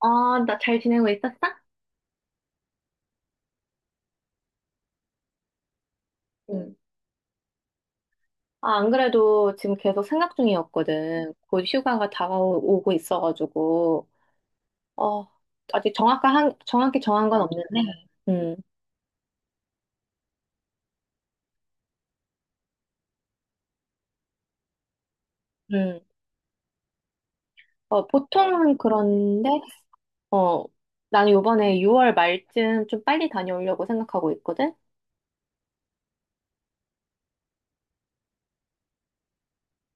아, 나 잘 지내고 있었어? 응. 아, 안 그래도 지금 계속 생각 중이었거든. 곧 휴가가 다가오고 있어가지고, 어, 아직 정확한, 정확히 정한 건 없는데, 음, 음, 보통은 그런데, 어, 나는 요번에 6월 말쯤 좀 빨리 다녀오려고 생각하고 있거든?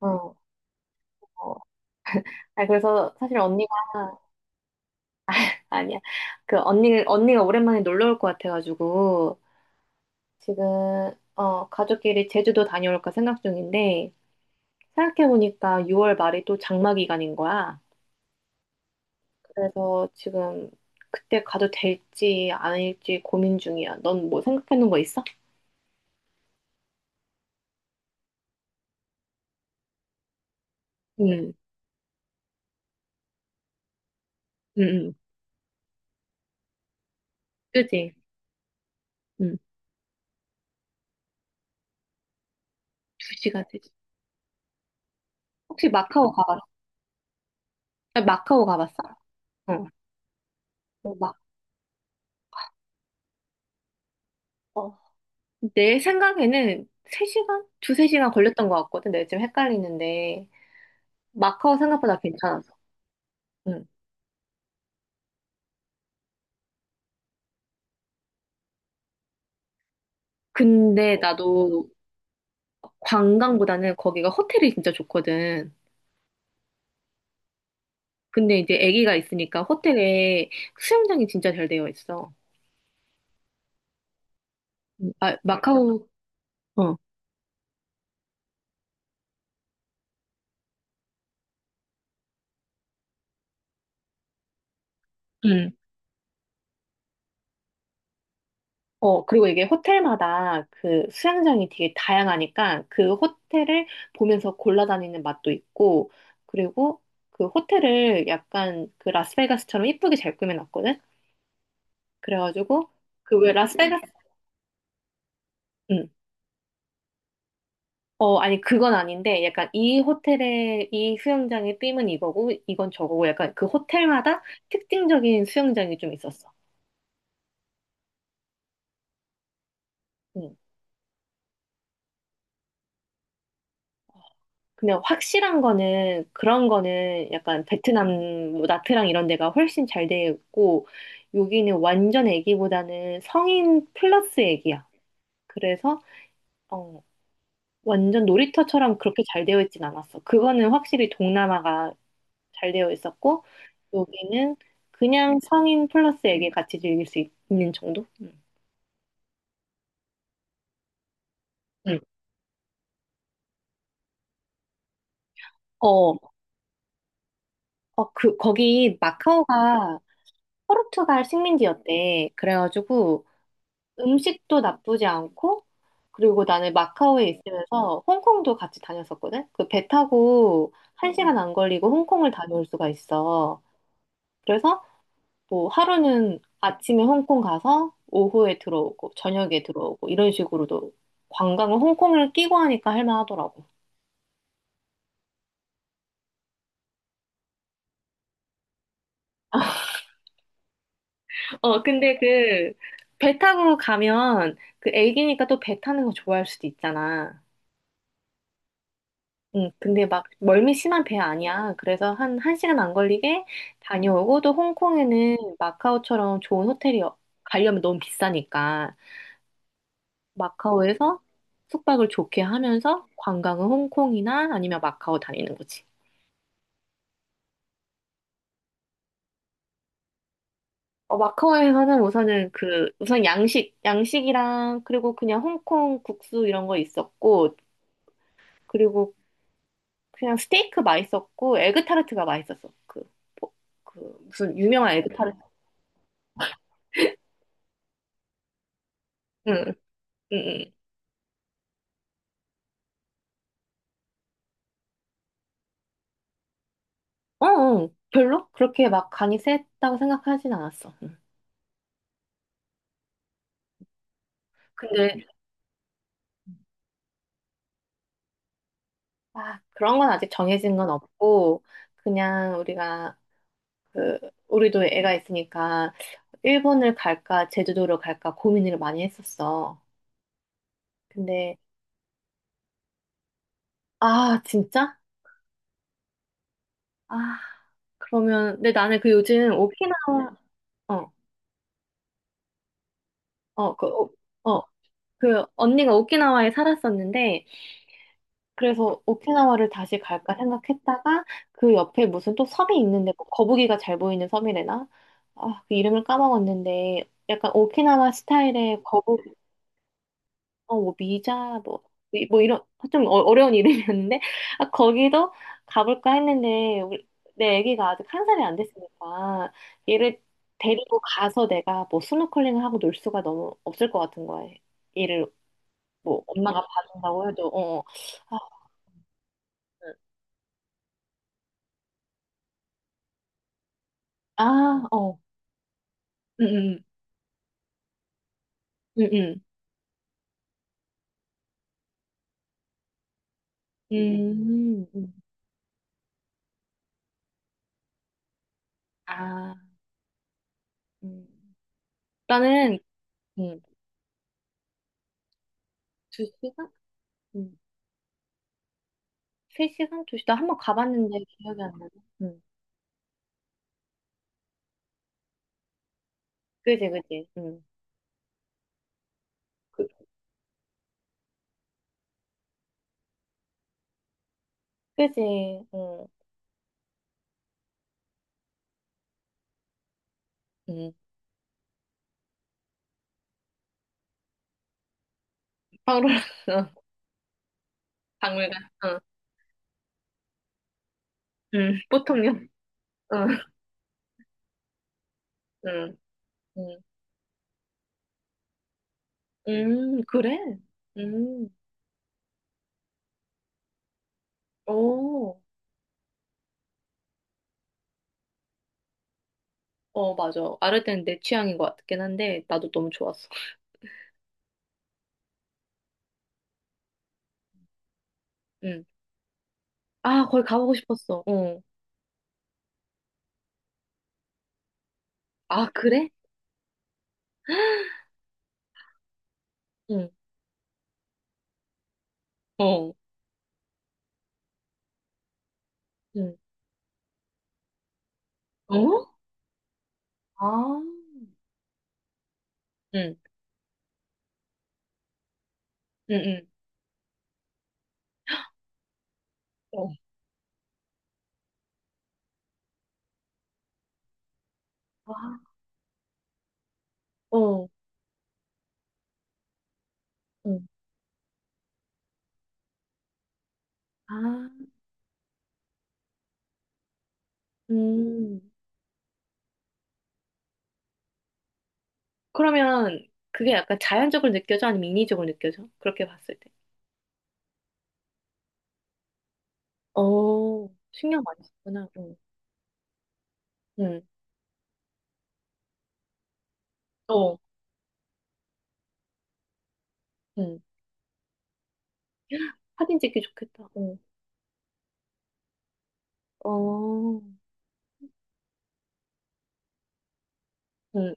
어, 어. 아, 그래서 사실 언니가, 아니야. 그 언니가 오랜만에 놀러 올 것 같아가지고, 지금, 가족끼리 제주도 다녀올까 생각 중인데, 생각해보니까 6월 말이 또 장마 기간인 거야. 그래서 지금 그때 가도 될지 아닐지 고민 중이야. 넌 뭐 생각해 놓은 거 있어? 응, 응, 응. 그지? 응. 2시가 되지. 혹시 마카오 가봤어? 아, 마카오 가봤어? 어. 어, 마, 어. 내 생각에는 3시간? 2, 3시간 걸렸던 것 같거든. 내가 지금 헷갈리는데. 마카오 생각보다 괜찮았어. 응. 근데 나도 관광보다는 거기가 호텔이 진짜 좋거든. 근데 이제 아기가 있으니까 호텔에 수영장이 진짜 잘 되어 있어. 아, 마카오. 어, 음. 그리고 이게 호텔마다 그 수영장이 되게 다양하니까 그 호텔을 보면서 골라다니는 맛도 있고, 그리고 그 호텔을 약간 그 라스베가스처럼 이쁘게 잘 꾸며놨거든? 그래가지고, 그 왜 라스베가스, 음. 아니, 그건 아닌데, 약간 이 호텔의, 이 수영장의 빔은 이거고, 이건 저거고, 약간 그 호텔마다 특징적인 수영장이 좀 있었어. 음. 그냥 확실한 거는 그런 거는 약간 베트남 뭐 나트랑 이런 데가 훨씬 잘 되어 있고 여기는 완전 애기보다는 성인 플러스 애기야. 그래서 어, 완전 놀이터처럼 그렇게 잘 되어 있진 않았어. 그거는 확실히 동남아가 잘 되어 있었고 여기는 그냥 성인 플러스 애기 같이 즐길 수 있는 정도? 음. 음. 어, 그, 거기 마카오가 포르투갈 식민지였대. 그래가지고 음식도 나쁘지 않고, 그리고 나는 마카오에 있으면서 홍콩도 같이 다녔었거든? 그 배 타고 1시간 안 걸리고 홍콩을 다녀올 수가 있어. 그래서 뭐 하루는 아침에 홍콩 가서 오후에 들어오고, 저녁에 들어오고, 이런 식으로도 관광을 홍콩을 끼고 하니까 할만하더라고. 근데 그 배 타고 가면 그 애기니까 또 배 타는 거 좋아할 수도 있잖아. 응, 근데 막 멀미 심한 배 아니야. 그래서 한, 1시간 안 걸리게 다녀오고 또 홍콩에는 마카오처럼 좋은 호텔이 가려면 너무 비싸니까 마카오에서 숙박을 좋게 하면서 관광은 홍콩이나 아니면 마카오 다니는 거지. 마카오에서는 우선은 그, 우선 양식이랑 그리고 그냥 홍콩 국수 이런 거 있었고 그리고 그냥 스테이크 맛있었고 에그 타르트가 맛있었어. 그, 포- 그 무슨 유명한 에그 타르트. 응, 응, 응. 어, 어, 별로 그렇게 막 간이 세다고 생각하진 않았어. 근데 아, 그런 건 아직 정해진 건 없고 그냥 우리가 그 우리도 애가 있으니까 일본을 갈까 제주도를 갈까 고민을 많이 했었어. 근데 아 진짜? 아 그러면 근데 나는 그 요즘 오키나와 어어그어그 언니가 오키나와에 살았었는데 그래서 오키나와를 다시 갈까 생각했다가 그 옆에 무슨 또 섬이 있는데 뭐 거북이가 잘 보이는 섬이래나? 아, 그 이름을 까먹었는데 약간 오키나와 스타일의 거북이, 뭐 미자, 뭐, 뭐 이런 좀 어려운 이름이었는데 아, 거기도 가볼까 했는데 우리, 내 아기가 아직 한 살이 안 됐으니까 얘를 데리고 가서 내가 뭐 스노클링을 하고 놀 수가 너무 없을 것 같은 거야. 얘를 뭐 엄마가 봐준다고 해도 어, 어. 아, 응. 아, 어. 응, 응, 응, 응. 아, 음. 나는 음. 2시간? 음. 3시간? 2시간? 한번 가봤는데 기억이 안 나네. 음. 그지, 그지. 음. 그, 그지. 응, 음. 서로 응, 박물관, 응, 응, 보통요. 응, 응, 음. 그래. 음, 오, 어, 맞아. 아르덴 내 취향인 것 같긴 한데, 나도 너무 좋았어. 응. 아, 거기 가보고 싶었어. 어. 아, 그래? 응, 어. 어? 아, 응, 응, 응. 어, 와, 어, 어. 아, 음. 그러면 그게 약간 자연적으로 느껴져? 아니면 인위적으로 느껴져? 그렇게 봤을 때. 어, 신경 많이 썼구나. 응, 응, 어, 응. 사진 찍기 좋겠다. 응, 어, 응,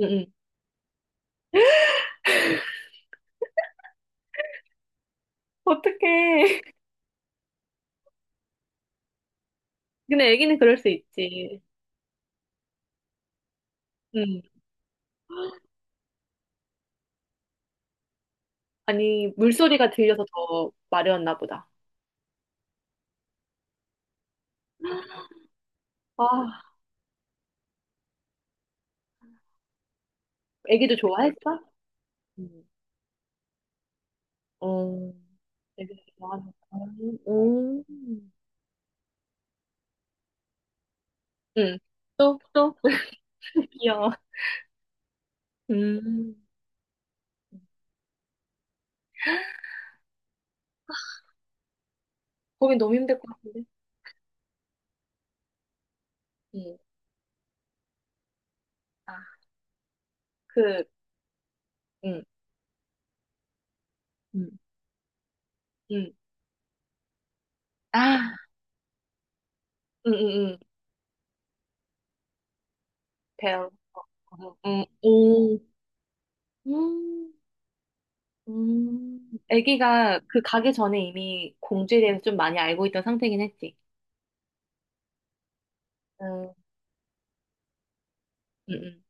응, 응. 어떡해. 근데 애기는 그럴 수 있지. 응. 아니, 물소리가 들려서 더 마려웠나 보다. 아, 애기도 좋아했어? 어, 되게 좋아하는 거. 오, 응. 또, 또? 귀여워. 음, 보기 너무 힘들 것 같은데. 응 아, 그, 응, 응 응, 아, 응, 응, 응. 배우. 어, 어, 응. 오, 음, 애기가 그 가기 전에 이미 공주에 대해서 좀 많이 알고 있던 상태긴 했지. 응, 응, 응.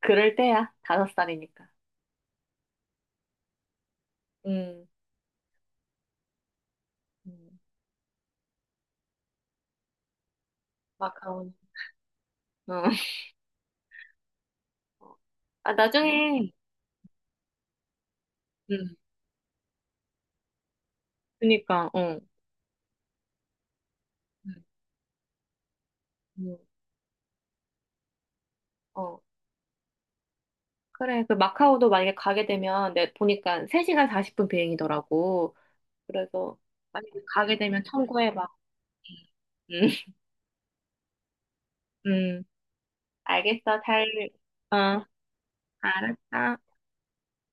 그럴 때야. 다섯 살이니까. 응 응, 마카오니. 어. 아, 나중에, 응. 그니까, 어. 음. 음, 어. 그래, 그 마카오도 만약에 가게 되면, 내 보니까 3시간 40분 비행이더라고. 그래서, 만약에 가게 되면 청구해봐. 음, 음. 알겠어, 잘, 어, 알았어.